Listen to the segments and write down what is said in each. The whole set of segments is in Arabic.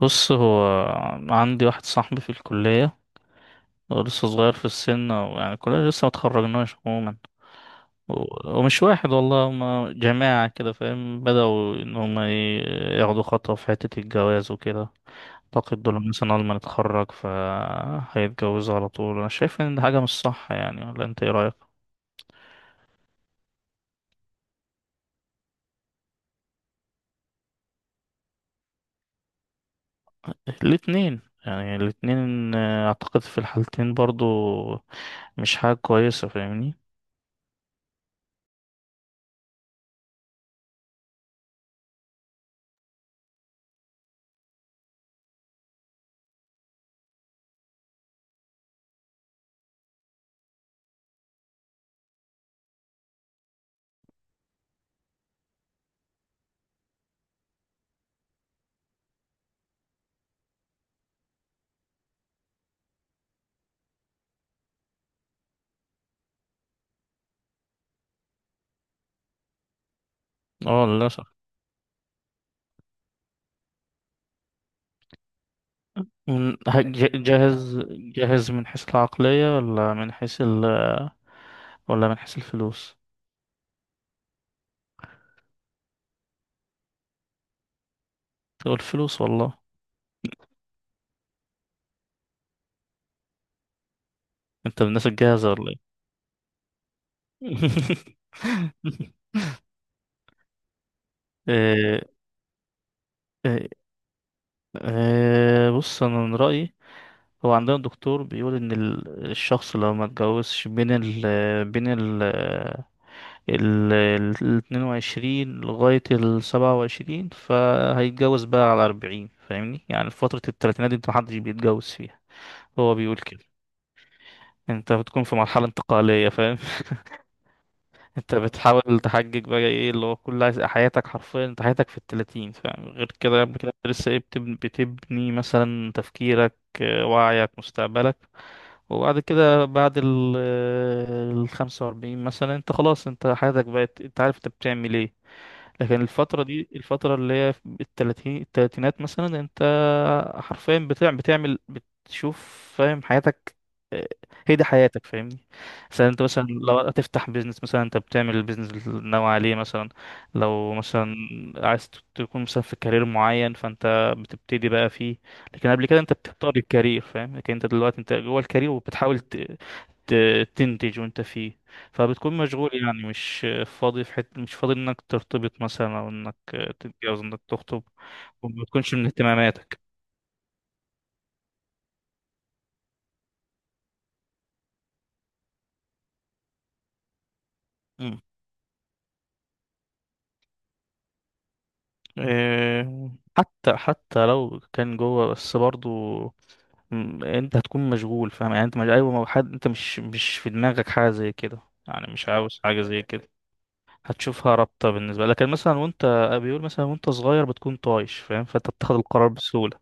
بص، هو عندي واحد صاحبي في الكلية. هو لسه صغير في السن، أو يعني الكلية لسه متخرجناش عموما. و- ومش واحد والله، هما جماعة كده، فاهم؟ بدأوا إن هما ياخدوا خطوة في حتة الجواز وكده. أعتقد دول مثلا أول ما نتخرج فهيتجوزوا على طول. أنا شايف إن دي حاجة مش صح يعني، ولا أنت إيه رأيك؟ الاتنين. يعني الاتنين، أعتقد في الحالتين برضو مش حاجة كويسة، فاهمني؟ اه، للأسف. من جاهز جاهز، من حيث العقلية ولا من حيث ولا من حيث الفلوس؟ تقول الفلوس والله. انت من الناس الجاهزة ولا ايه؟ إيه- إيه- إيه، بص انا من رأيي. هو عندنا دكتور بيقول ان الشخص لو ما اتجوزش بين بين ال ال 22 لغاية ال 27، فهيتجوز بقى على 40. فاهمني؟ يعني في فترة التلاتينات دي انت محدش بيتجوز فيها. هو بيقول كده. انت بتكون في مرحلة انتقالية، فاهم؟ انت بتحاول تحجج بقى، ايه اللي هو حياتك حرفيا. انت حياتك في التلاتين، فاهم؟ غير كده، قبل كده انت لسه ايه، بتبني, بتبني مثلا تفكيرك، وعيك، مستقبلك. وبعد كده، بعد ال الخمسة وأربعين مثلا، انت خلاص، انت حياتك بقت، انت عارف انت بتعمل ايه. لكن الفترة دي، الفترة اللي هي في التلاتينات مثلا، انت حرفيا بتعمل، بتشوف، فاهم، حياتك. هي دي حياتك، فاهمني؟ مثلا انت مثلا لو هتفتح بيزنس مثلا، انت بتعمل البيزنس اللي ناوي عليه مثلا. لو مثلا عايز تكون مثلا في كارير معين، فانت بتبتدي بقى فيه. لكن قبل كده انت بتختار الكارير، فاهم؟ لكن انت دلوقتي انت جوه الكارير وبتحاول ت... تنتج وانت فيه. فبتكون مشغول، يعني مش فاضي في حته، مش فاضي انك ترتبط مثلا، او انك تتجوز، انك تخطب. وما بتكونش من اهتماماتك. إيه، حتى لو كان جوه بس برضو، انت هتكون مشغول، فاهم؟ يعني انت مش، ايوه، ما هو حد. انت مش في دماغك حاجه زي كده. يعني مش عاوز حاجه زي كده. هتشوفها رابطه بالنسبه لك، لكن مثلا وانت، بيقول مثلا وانت صغير بتكون طايش، فاهم؟ فانت بتاخد القرار بسهوله.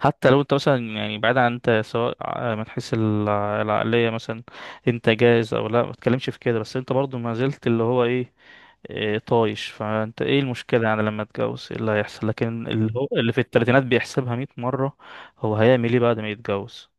حتى لو انت مثلا يعني بعيد عن انت، سواء من حيث العقليه مثلا، انت جاهز او لا، ما تتكلمش في كده. بس انت برضو ما زلت اللي هو ايه، طايش. فانت ايه المشكلة يعني لما اتجوز، ايه اللي هيحصل؟ لكن اللي هو اللي في التلاتينات بيحسبها مية مرة. هو هيعمل ايه بعد ما يتجوز؟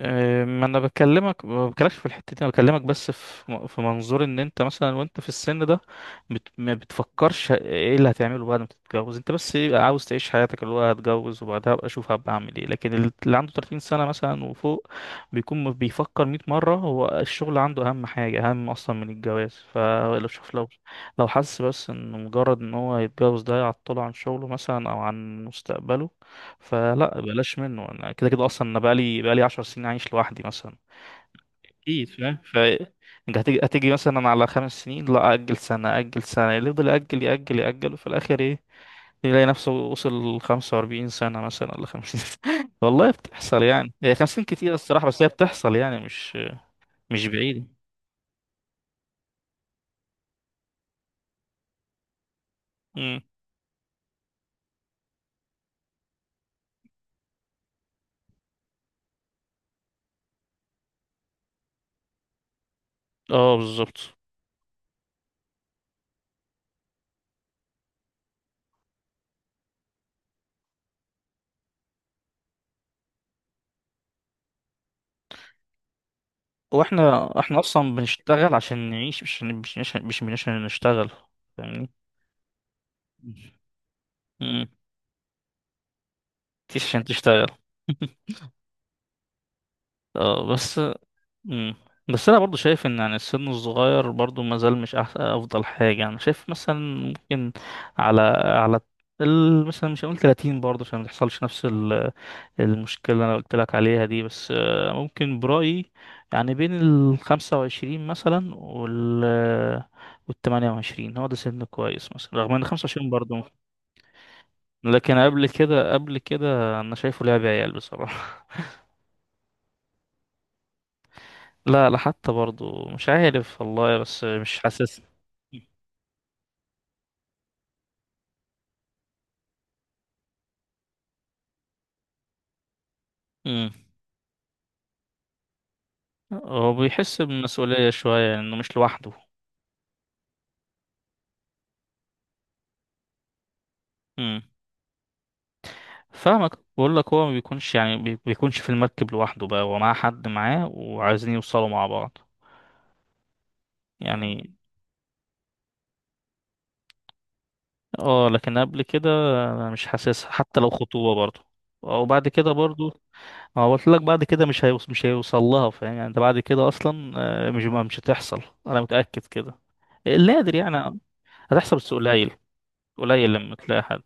ما انا بكلمك ما بكلمكش في الحتة دي، انا بكلمك بس في في منظور ان انت مثلا وانت في السن ده، بت، ما بتفكرش ايه اللي هتعمله بعد ما تتجوز. انت بس إيه، عاوز تعيش حياتك، اللي هو هتجوز وبعدها ابقى اشوف هبقى اعمل ايه. لكن اللي عنده 30 سنة مثلا وفوق، بيكون بيفكر 100 مرة. هو الشغل عنده اهم حاجة، اهم اصلا من الجواز. فلو شوف، لو لو حس بس ان مجرد ان هو يتجوز ده يعطله عن شغله مثلا او عن مستقبله، فلا بلاش منه. انا كده كده اصلا، انا بقالي بقالي 10 سنين عايش لوحدي مثلا، اكيد فاهم. ف انت هتيجي هتيجي مثلا على خمس سنين، لا اجل سنه، اجل سنه، اللي يفضل ياجل ياجل ياجل. وفي الاخر ايه؟ يلاقي نفسه وصل 45 سنه مثلا ولا 50 سنه. والله بتحصل، يعني هي 50 كتير الصراحه، بس هي بتحصل يعني مش بعيده. امم. اه، بالظبط. احنا اصلا بنشتغل عشان نعيش، مش عشان نشتغل، فاهمني؟ امم. مش عشان تشتغل. اه، بس. مم. بس انا برضو شايف ان يعني السن الصغير برضو ما زال مش أحسن، افضل حاجه انا شايف مثلا ممكن على مثلا مش هقول 30 برضه عشان ما تحصلش نفس المشكله اللي انا قلت لك عليها دي. بس ممكن برايي يعني بين ال 25 مثلا وال 28، هو ده سن كويس مثلا، رغم ان 25 برضه. لكن قبل كده قبل كده انا شايفه لعب عيال بصراحه. لا لا، حتى برضو مش عارف والله، بس مش حاسس. امم. هو بيحس بالمسؤولية شوية انه مش لوحده. امم. فاهمك، بقول لك هو ما بيكونش يعني بيكونش في المركب لوحده بقى، هو معاه حد، معاه وعايزين يوصلوا مع بعض. يعني اه، لكن قبل كده انا مش حاسسها حتى لو خطوبة برضو. وبعد كده برضو، ما هو قلت لك بعد كده مش هيوص مش هيوصل لها، فاهم؟ يعني انت بعد كده اصلا مش هتحصل، انا متأكد كده. اللي قادر يعني، هتحصل بس قليل، قليل لما تلاقي حد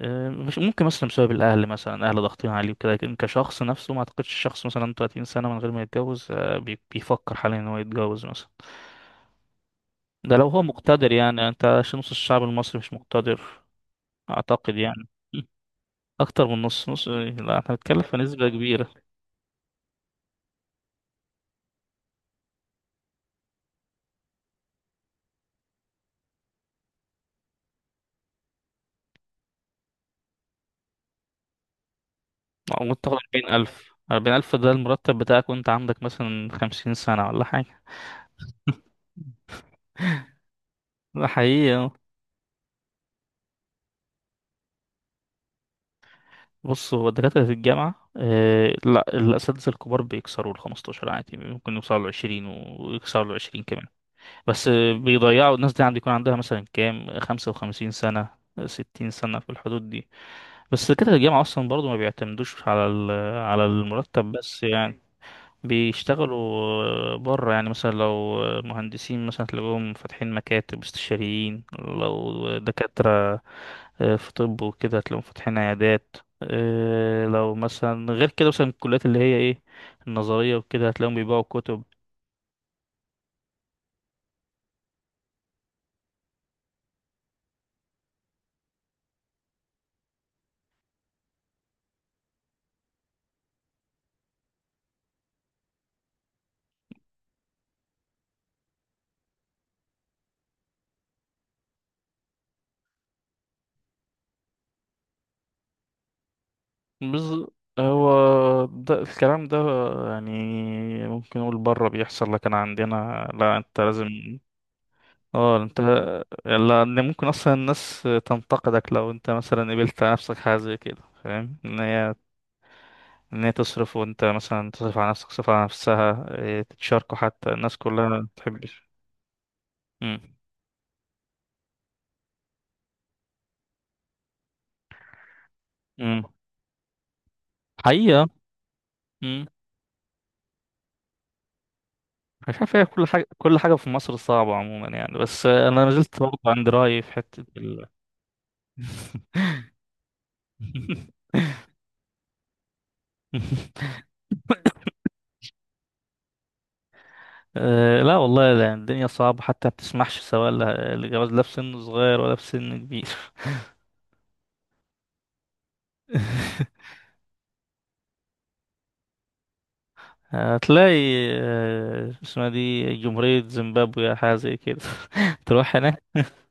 مش ممكن مثلا بسبب الاهل، مثلا اهل ضاغطين عليه وكده. لكن كشخص نفسه، ما اعتقدش الشخص مثلا 30 سنه من غير ما يتجوز بيفكر حاليا ان هو يتجوز مثلا. ده لو هو مقتدر، يعني انت عشان نص الشعب المصري مش مقتدر، اعتقد يعني. اكتر من نص، نص لا، احنا بنتكلم في نسبه كبيره. ممكن تاخد 40,000 ده المرتب بتاعك وانت عندك مثلا 50 سنه ولا حاجه. ده حقيقي. آه. بص، هو الدكاترة في الجامعة، آه لا، الأساتذة الكبار بيكسروا ال 15 عادي، ممكن يوصلوا ل 20، ويكسروا ال 20 كمان. بس آه بيضيعوا، الناس دي عندي يكون عندها مثلا كام، 55 سنة، 60 سنة في الحدود دي. بس دكاترة الجامعة أصلا برضو ما بيعتمدوش على على المرتب بس، يعني بيشتغلوا بره. يعني مثلا لو مهندسين مثلا تلاقوهم فاتحين مكاتب استشاريين، لو دكاترة في طب وكده تلاقوهم فاتحين عيادات، لو مثلا غير كده مثلا الكليات اللي هي ايه، النظرية وكده، هتلاقيهم بيبيعوا كتب. بز... هو ده الكلام ده، يعني ممكن نقول بره بيحصل، لكن عندنا لا، انت لازم. اه انت، لان ممكن اصلا الناس تنتقدك لو انت مثلا قبلت على نفسك حاجه زي كده، فاهم؟ ان هي، تصرف وانت مثلا تصرف على نفسك، تصرف على نفسها، تتشاركوا، حتى الناس كلها ما بتحبش. امم. امم. حقيقه. امم. مش عارف، هي كل حاجه، كل حاجه في مصر صعبه عموما يعني، بس انا ما زلت برضه عند رايي في حته لا والله، لا الدنيا صعبة، حتى ما بتسمحش، سواء لجواز، لا في سن صغير ولا في سن كبير. هتلاقي اسمها دي جمهورية زيمبابوي أو حاجة زي كده. تروح هناك.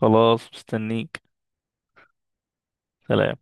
خلاص مستنيك. سلام.